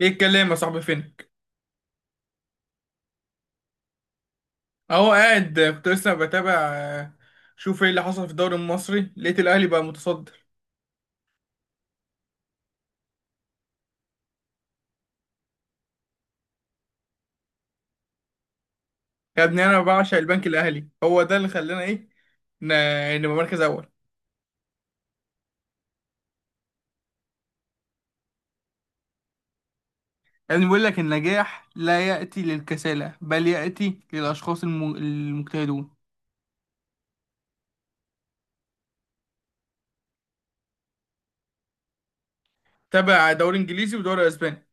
ايه الكلام يا صاحبي؟ فينك؟ اهو قاعد، كنت لسه بتابع. شوف ايه اللي حصل في الدوري المصري، لقيت الاهلي بقى متصدر. يا ابني انا بعشق البنك الاهلي، هو ده اللي خلانا ايه، نبقى مركز اول. يا ابني بيقول لك النجاح لا ياتي للكسالى بل ياتي للاشخاص المجتهدون. تابع دوري انجليزي ودوري اسباني.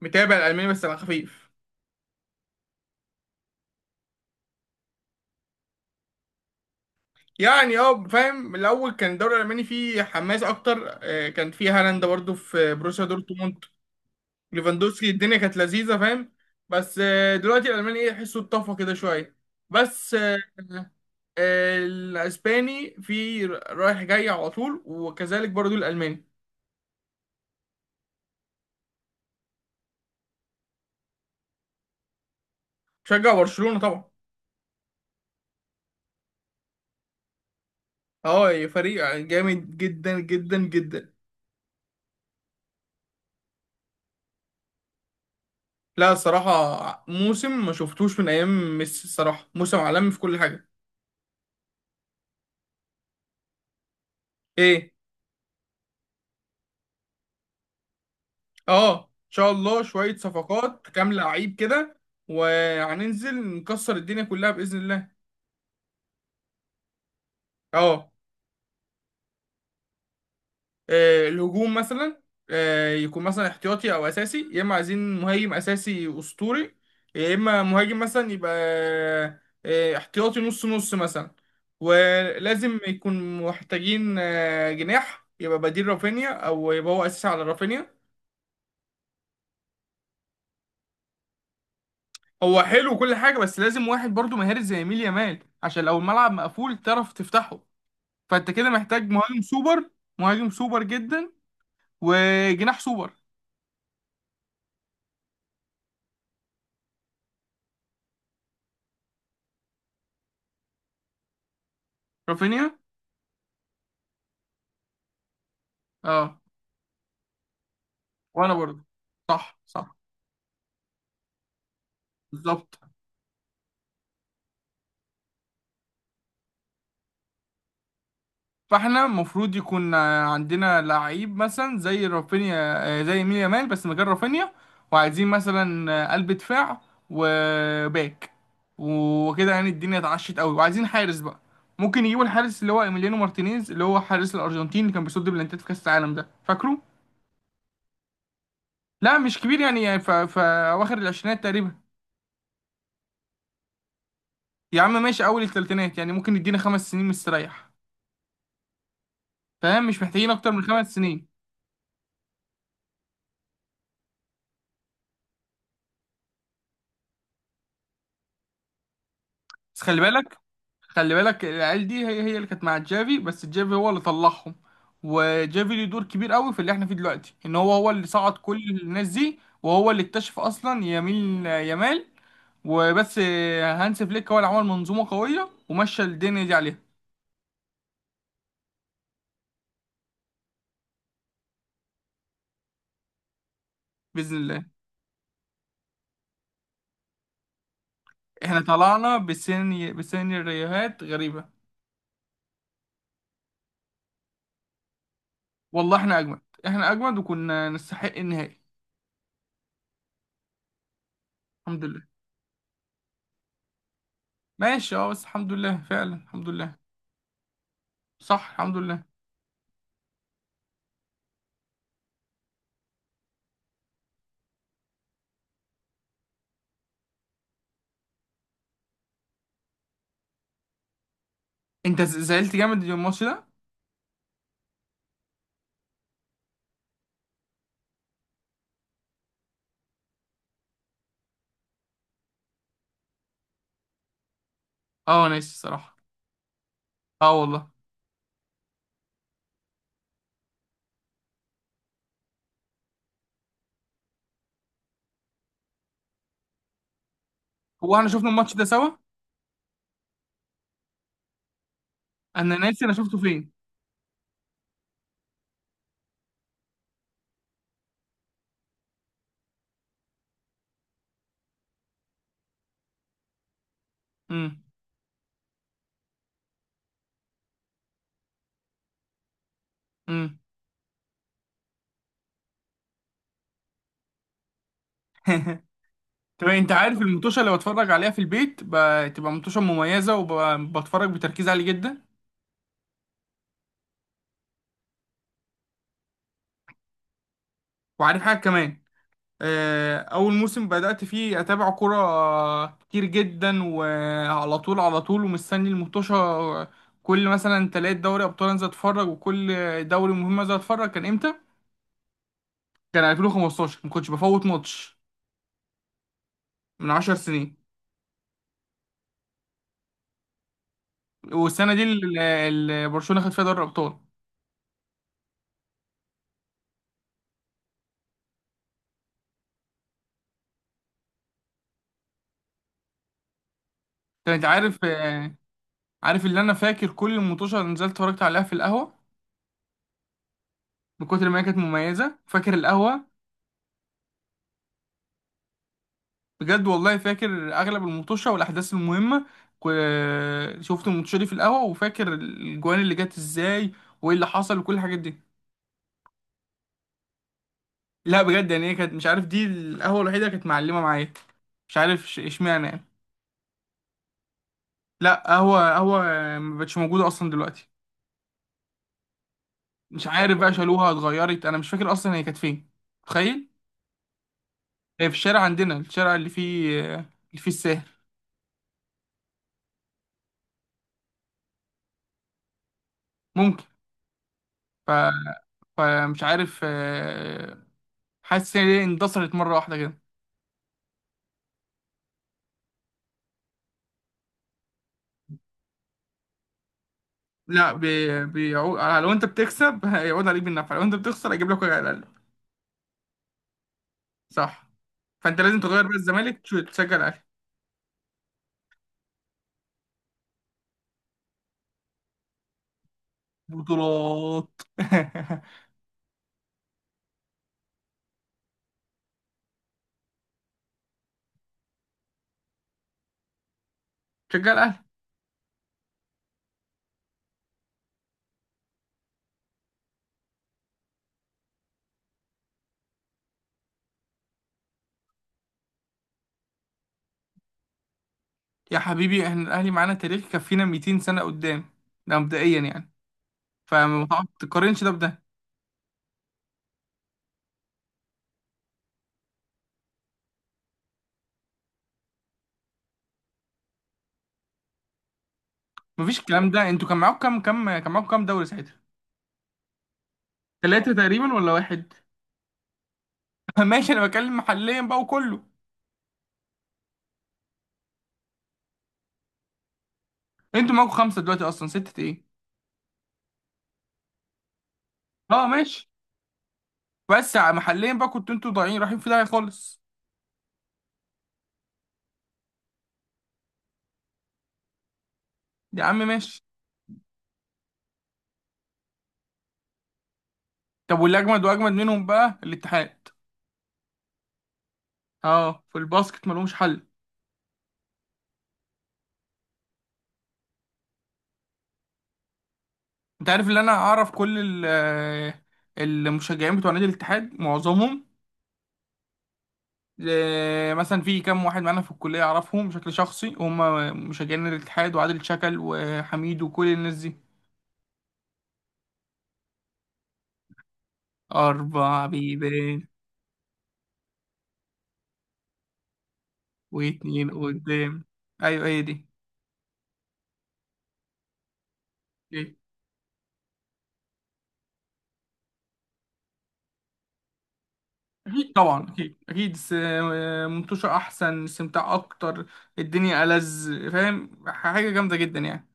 متابع الالماني بس على خفيف. يعني اه، فاهم، الاول كان الدوري الالماني فيه حماس اكتر. كان فيه هالاند برضه في بروسيا دورتموند. ليفاندوسكي، الدنيا كانت لذيذه، فاهم. بس دلوقتي الالماني ايه، يحسوا اتطفى كده شويه. بس الاسباني في رايح جاي على طول، وكذلك برضو الالماني. شجع برشلونه طبعا. اه، فريق جامد جدا جدا جدا. لا الصراحه موسم ما شفتوش من ايام ميسي، الصراحه موسم عالمي في كل حاجه. ايه؟ اه ان شاء الله، شويه صفقات، كام لعيب كده، وهننزل نكسر الدنيا كلها باذن الله. اه. الهجوم مثلا. يكون مثلا احتياطي او اساسي، يا اما عايزين مهاجم اساسي اسطوري، يا اما مهاجم مثلا يبقى احتياطي نص نص مثلا. ولازم يكون محتاجين جناح يبقى بديل رافينيا، او يبقى هو اساسي على رافينيا. هو حلو وكل حاجه، بس لازم واحد برضو مهاري زي يميل يامال، عشان لو الملعب مقفول تعرف تفتحه. فانت كده محتاج مهاجم سوبر. مهاجم سوبر جدا. وجناح سوبر. رافينيا. اه. وانا برضه. صح صح. بالظبط. فاحنا المفروض يكون عندنا لعيب مثلا زي رافينيا، زي مين، يامال، بس مكان رافينيا. وعايزين مثلا قلب دفاع، وباك، وكده يعني الدنيا اتعشت قوي، وعايزين حارس بقى. ممكن يجيبوا الحارس اللي هو ايميليانو مارتينيز، اللي هو حارس الارجنتين، اللي كان بيصد بلانتات في كاس العالم ده، فاكره. لا مش كبير يعني، يعني اواخر العشرينات تقريبا. يا عم ماشي، اول الثلاثينات يعني، ممكن يدينا خمس سنين مستريح. فاهم، مش محتاجين اكتر من خمس سنين. بس خلي بالك. خلي بالك العيال دي هي هي اللي كانت مع جافي، بس جافي هو اللي طلعهم. وجافي ليه دور كبير قوي في اللي احنا فيه دلوقتي، ان هو هو اللي صعد كل الناس دي، وهو اللي اكتشف اصلا يمين يمال. وبس. هانس فليك هو اللي عمل منظومة قوية ومشى الدنيا دي عليها. بإذن الله. احنا طلعنا بسيناريوهات غريبة. والله احنا اجمد. احنا اجمد، وكنا نستحق النهائي. الحمد لله. ماشي اه، بس الحمد لله فعلا، الحمد لله. صح، الحمد لله. انت زعلت جامد اليوم الماتش ده. اه انا ناسي الصراحة. اه والله. هو احنا شفنا الماتش ده سوا؟ انا ناسي، انا شفته فين. امم. امم. طب انت عارف المطوشه اللي بتفرج عليها في البيت تبقى مطوشه مميزه، وبتفرج بتركيز عالي جدا. وعارف حاجه كمان، اول موسم بدات فيه اتابع كوره كتير جدا وعلى طول على طول ومستني المطوشه. كل مثلا تلات دوري ابطال انزل اتفرج، وكل دوري مهم انزل اتفرج. كان امتى؟ كان 2015، ما كنتش بفوت ماتش. من 10 سنين. والسنه دي اللي برشلونه خد فيها دوري الابطال. كانت، عارف؟ عارف اللي انا فاكر؟ كل المطوشه اللي نزلت اتفرجت عليها في القهوه. من كتر ما هي كانت مميزه، فاكر القهوه. بجد والله، فاكر اغلب المطوشه والاحداث المهمه. كو- شفت المطوشه دي في القهوه، وفاكر الجوان اللي جت ازاي، وايه اللي حصل وكل الحاجات دي. لا بجد يعني، هي كانت، مش عارف، دي القهوه الوحيده كانت معلمه معايا. مش عارف اشمعنى يعني. لا قهوه قهوه ما بقتش موجوده اصلا دلوقتي. مش عارف بقى، شالوها، اتغيرت، انا مش فاكر اصلا هي كانت فين. تخيل. هي في الشارع عندنا، الشارع اللي فيه الساهر. ممكن. ف... فمش عارف. حاسس ان هي اندثرت مره واحده كده. لا بيعود لو انت بتكسب. هيعود عليك بالنفع، لو انت بتخسر هيجيب لك وجع القلب. صح. فانت لازم تغير بقى الزمالك، تشجع الاهلي. بطولات. تشجع الاهلي. يا حبيبي احنا الاهلي معانا تاريخ يكفينا 200 سنه قدام. ده مبدئيا يعني. فما تقارنش ده بده. مفيش الكلام ده، انتوا كان معاكم كام دوري ساعتها؟ ثلاثة تقريبا ولا واحد؟ ماشي، انا بتكلم محليا بقى وكله. انتوا معاكم خمسة دلوقتي اصلا، ستة ايه. اه ماشي. بس محليا بقى كنتوا انتوا ضايعين، رايحين في داهية خالص. يا عم ماشي. طب واللي اجمد واجمد منهم بقى الاتحاد. اه في الباسكت ملهمش حل. انت عارف اللي انا اعرف؟ كل المشجعين بتوع نادي الاتحاد معظمهم. مثلا في كام واحد معانا في الكلية، أعرفهم بشكل شخصي، هم مشجعين الاتحاد، وعادل شكل وحميد وكل الناس دي. أربع بيبان. واتنين قدام. أيوة هي دي. أكيد. أكيد طبعا، أكيد أكيد منتوشة أحسن، استمتاع أكتر. الدنيا ألذ، فاهم، حاجة جامدة جدا يعني.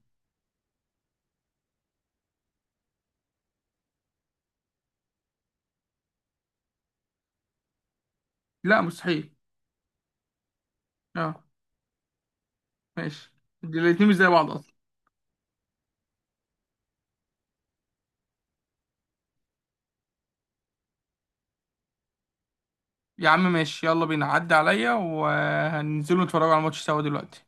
لا مستحيل. أه، ماشي. دي الاتنين مش زي بعض أصلا. يا عم ماشي يلا بينا، عدي عليا وهننزلوا نتفرجوا على الماتش سوا دلوقتي.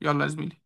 يلا يا زميلي.